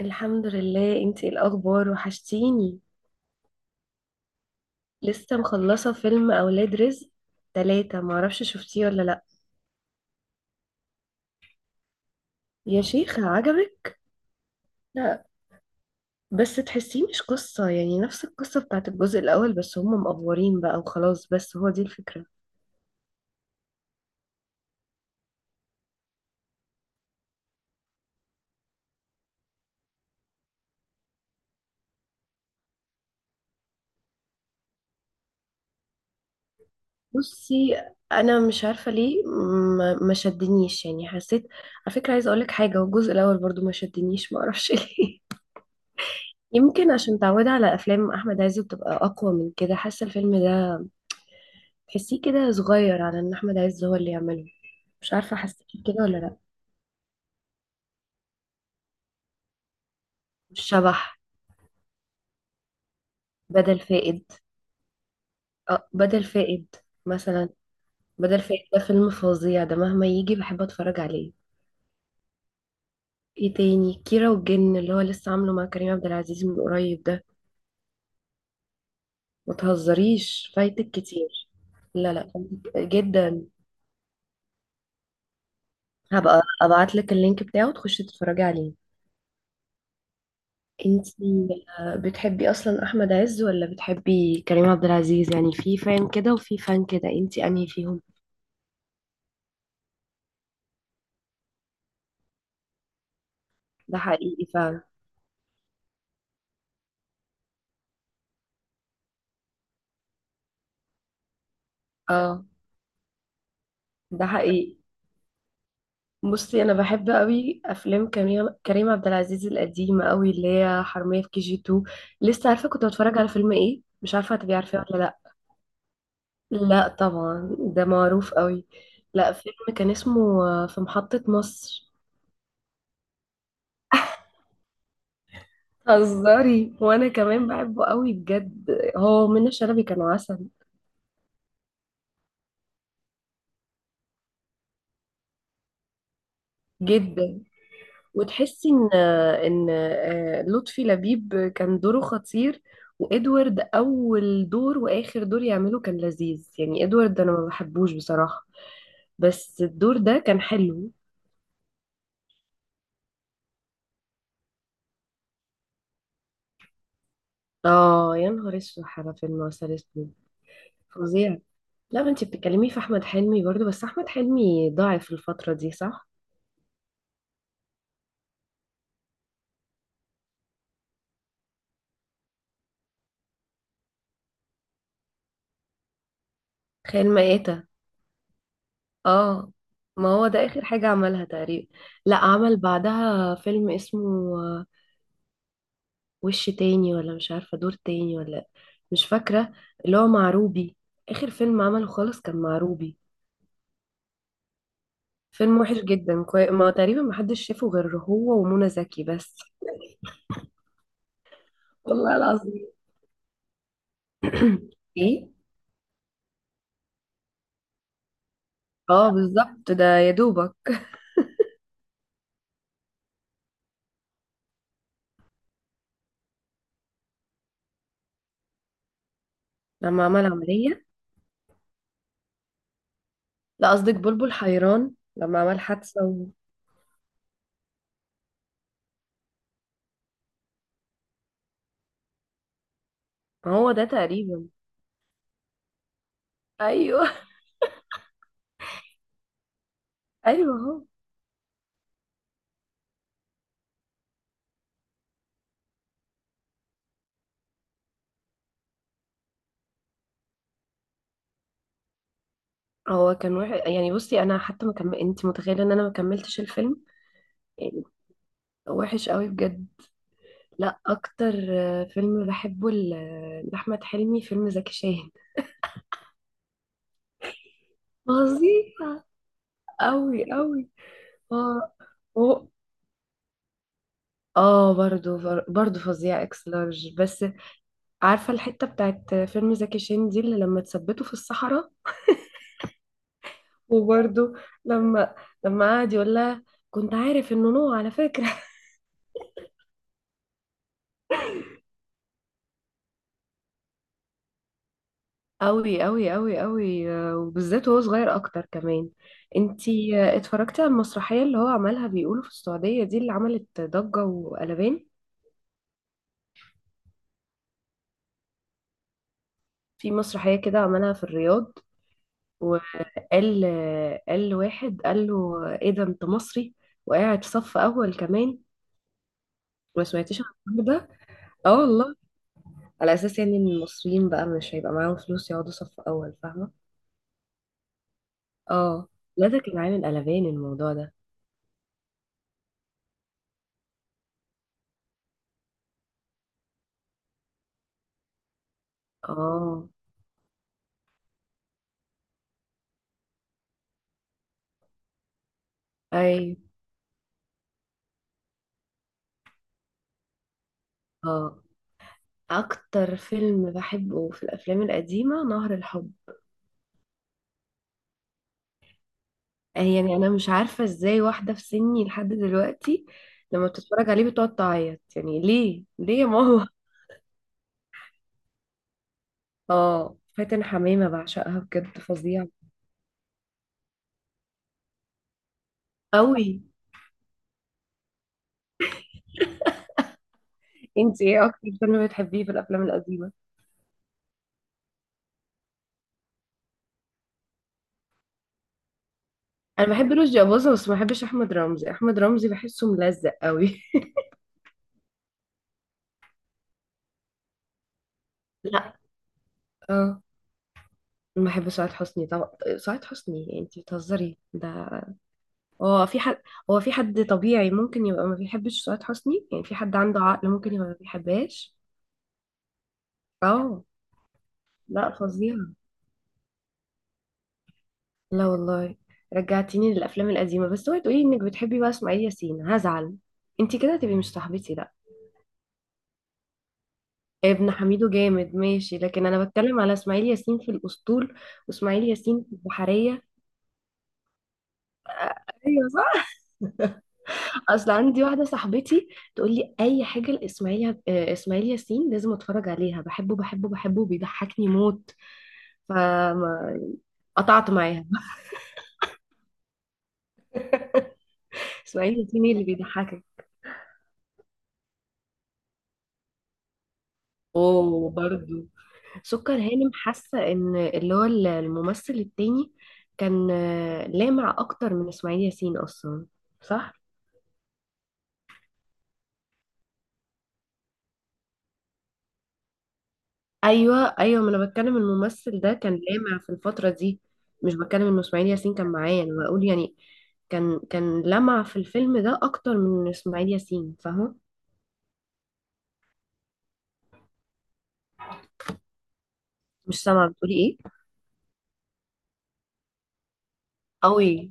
الحمد لله. انتي ايه الاخبار؟ وحشتيني. لسه مخلصه فيلم اولاد رزق تلاتة، معرفش شفتيه ولا لا. يا شيخة عجبك؟ لا، بس تحسيه مش قصه، يعني نفس القصه بتاعت الجزء الاول، بس هم مقفورين بقى وخلاص، بس هو دي الفكره. بصي، انا مش عارفه ليه ما شدنيش، يعني حسيت. على فكره عايزه اقولك حاجه، هو الجزء الاول برضو ما شدنيش معرفش ليه. يمكن عشان متعوده على افلام احمد عز بتبقى اقوى من كده، حاسه الفيلم ده تحسيه كده صغير على ان احمد عز هو اللي يعمله. مش عارفه حسيت كده ولا لا. الشبح. بدل فائد، اه بدل فائد. مثلا بدل فائد ده فيلم فظيع، ده مهما يجي بحب اتفرج عليه. ايه تاني؟ كيرة والجن اللي هو لسه عامله مع كريم عبد العزيز من قريب ده. ما تهزريش، فايتك كتير. لا لا، فايتك جدا. هبقى ابعت لك اللينك بتاعه تخشي تتفرجي عليه. انتي، بتحبي اصلا احمد عز ولا بتحبي كريم عبد العزيز؟ يعني في فان كده وفي فان كده، انتي انهي فيهم؟ ده حقيقي فعلا. اه ده حقيقي. بصي انا بحب قوي افلام كريم عبد العزيز القديمه قوي، اللي هي حرميه في كي جي 2. لسه عارفه كنت بتفرج على فيلم ايه؟ مش عارفه هتبقي عارفاه ولا لا. لا طبعا ده معروف قوي. لا فيلم كان اسمه، في محطه مصر. هزاري، وانا كمان بحبه قوي بجد، هو منى شلبي كان عسل جدا. وتحسي ان لطفي لبيب كان دوره خطير. وادوارد اول دور واخر دور يعمله كان لذيذ، يعني ادوارد انا ما بحبوش بصراحة، بس الدور ده كان حلو. اه يا نهار اسود على فيلم عسل اسود. فظيع. لا ما انت بتتكلمي في احمد حلمي برضو، بس احمد حلمي ضاعف الفترة دي صح. خيال مآتة. اه، ما هو ده اخر حاجة عملها تقريبا. لا عمل بعدها فيلم اسمه، وش تاني ولا مش عارفة دور تاني ولا، مش فاكرة. اللي هو مع روبي. آخر فيلم عمله خالص كان مع روبي. فيلم وحش جدا، ما تقريبا محدش شافه غير هو ومنى زكي بس. والله العظيم. ايه. اه بالظبط، ده يا دوبك. لما عمل عملية. لا قصدك بلبل حيران لما عمل حادثة ما هو ده تقريبا. ايوه ايوه. هو كان وحش يعني. بصي انا حتى ما كم... انت متخيلة ان انا ما كملتش الفيلم. يعني وحش قوي بجد. لا اكتر فيلم بحبه لاحمد حلمي فيلم زكي شان. فظيع. قوي قوي. اه. و- اه برضو. برضو فظيع اكس لارج، بس عارفه الحته بتاعت فيلم زكي شان دي اللي لما تثبته في الصحراء. وبرضو لما قعد يقول لها، كنت عارف انه نوع على فكره. قوي قوي قوي قوي. وبالذات وهو صغير اكتر كمان. انتي اتفرجتي على المسرحيه اللي هو عملها بيقولوا في السعوديه دي اللي عملت ضجه وقلبان؟ في مسرحية كده عملها في الرياض. وقال قال لواحد قال له ايه ده انت مصري، وقاعد صف اول كمان. ما سمعتيش عن الحوار ده؟ اه والله. على اساس يعني ان المصريين بقى مش هيبقى معاهم فلوس يقعدوا صف اول، فاهمة. اه لا ده كان عامل قلبان الموضوع ده. اه. اي. اه. اكتر فيلم بحبه في الافلام القديمة نهر الحب. يعني انا مش عارفة ازاي واحدة في سني لحد دلوقتي لما بتتفرج عليه بتقعد تعيط، يعني ليه ليه يا ماما. اه فاتن حمامة بعشقها بجد فظيعة قوي. انتي ايه اكتر فيلم بتحبيه في الافلام القديمة؟ انا بحب رشدي اباظة، بس ما بحبش احمد رمزي، احمد رمزي بحسه ملزق قوي. لا. اه ما بحب سعاد حسني طبعا. سعاد حسني انتي بتهزري ده. هو في حد، هو في حد طبيعي ممكن يبقى ما بيحبش سعاد حسني، يعني في حد عنده عقل ممكن يبقى ما بيحبهاش. اه. لا فظيع. لا والله. رجعتيني للافلام القديمه، بس اوعي تقولي انك بتحبي بقى اسماعيل ياسين هزعل. انت كده هتبقي مش صاحبتي لا. ابن حميدو جامد ماشي، لكن انا بتكلم على اسماعيل ياسين في الاسطول، واسماعيل ياسين في البحريه. ايوه صح. اصل عندي واحده صاحبتي تقول لي اي حاجه لاسماعيل، اسماعيل ياسين لازم اتفرج عليها، بحبه بحبه بحبه بيضحكني موت، فقطعت معاها. اسماعيل ياسين إيه اللي بيضحكك؟ اوه برضه سكر هانم. حاسه ان اللي هو الممثل التاني كان لامع اكتر من اسماعيل ياسين اصلا صح. ايوه ايوه، ما انا بتكلم الممثل ده كان لامع في الفتره دي، مش بتكلم ان اسماعيل ياسين كان معايا، انا بقول يعني. كان لمع في الفيلم ده اكتر من اسماعيل ياسين فاهمه. مش سامعه بتقولي ايه؟ قوي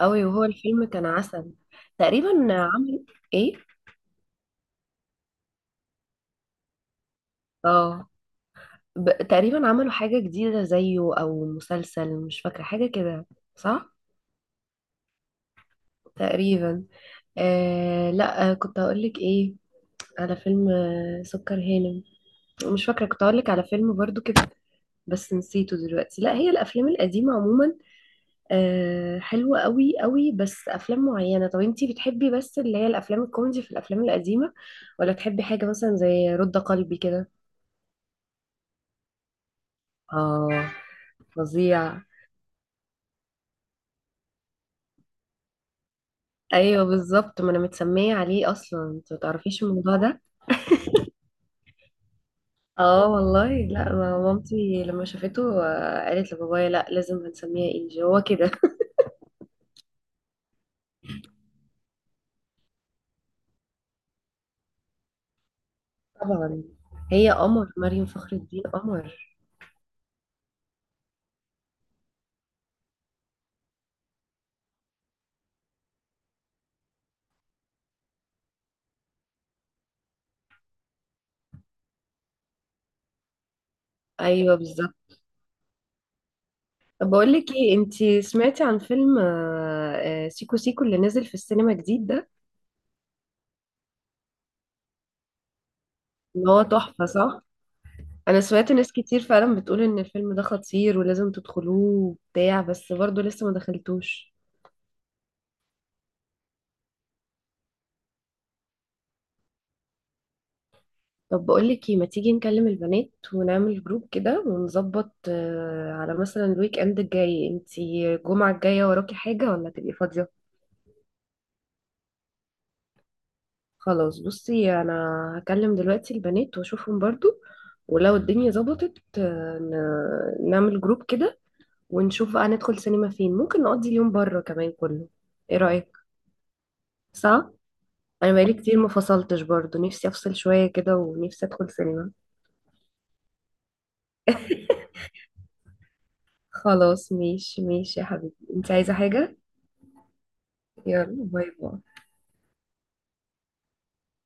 قوي. وهو الفيلم كان عسل. تقريبا عمل ايه؟ اه تقريبا عملوا حاجة جديدة زيه أو مسلسل، مش فاكرة حاجة كده صح؟ تقريبا. آه لا، كنت هقولك ايه؟ على فيلم آه سكر هانم. مش فاكرة كنت هقولك على فيلم برضو كده، بس نسيته دلوقتي. لا هي الأفلام القديمة عموما آه حلوة قوي قوي، بس أفلام معينة. طب انتي بتحبي بس اللي هي الأفلام الكوميدي في الأفلام القديمة، ولا تحبي حاجة مثلا زي رد قلبي كده؟ اه فظيع. ايوه بالظبط، ما انا متسميه عليه اصلا، انت ما تعرفيش الموضوع ده. اه والله، لا ما مامتي لما شافته قالت لبابايا لا لازم هنسميها انجي، هو كده. طبعا. هي قمر، مريم فخر الدين قمر. ايوه بالظبط. طب بقول لك ايه، انت سمعتي عن فيلم سيكو سيكو اللي نزل في السينما جديد ده؟ ان هو تحفه صح. انا سمعت ناس كتير فعلا بتقول ان الفيلم ده خطير ولازم تدخلوه وبتاع، بس برضه لسه ما دخلتوش. طب بقولك ايه، ما تيجي نكلم البنات ونعمل جروب كده ونظبط على مثلا الويك اند الجاي، انتي الجمعة الجاية وراكي حاجة ولا تبقي فاضية؟ خلاص بصي انا هكلم دلوقتي البنات واشوفهم برضو، ولو الدنيا ظبطت نعمل جروب كده ونشوف بقى ندخل سينما فين، ممكن نقضي اليوم بره كمان كله. ايه رأيك؟ صح. انا بقالي كتير ما فصلتش برضو، نفسي افصل شوية كده، ونفسي ادخل سينما. خلاص ماشي ماشي، يا حبيبي انت عايزة حاجة؟ يلا باي باي.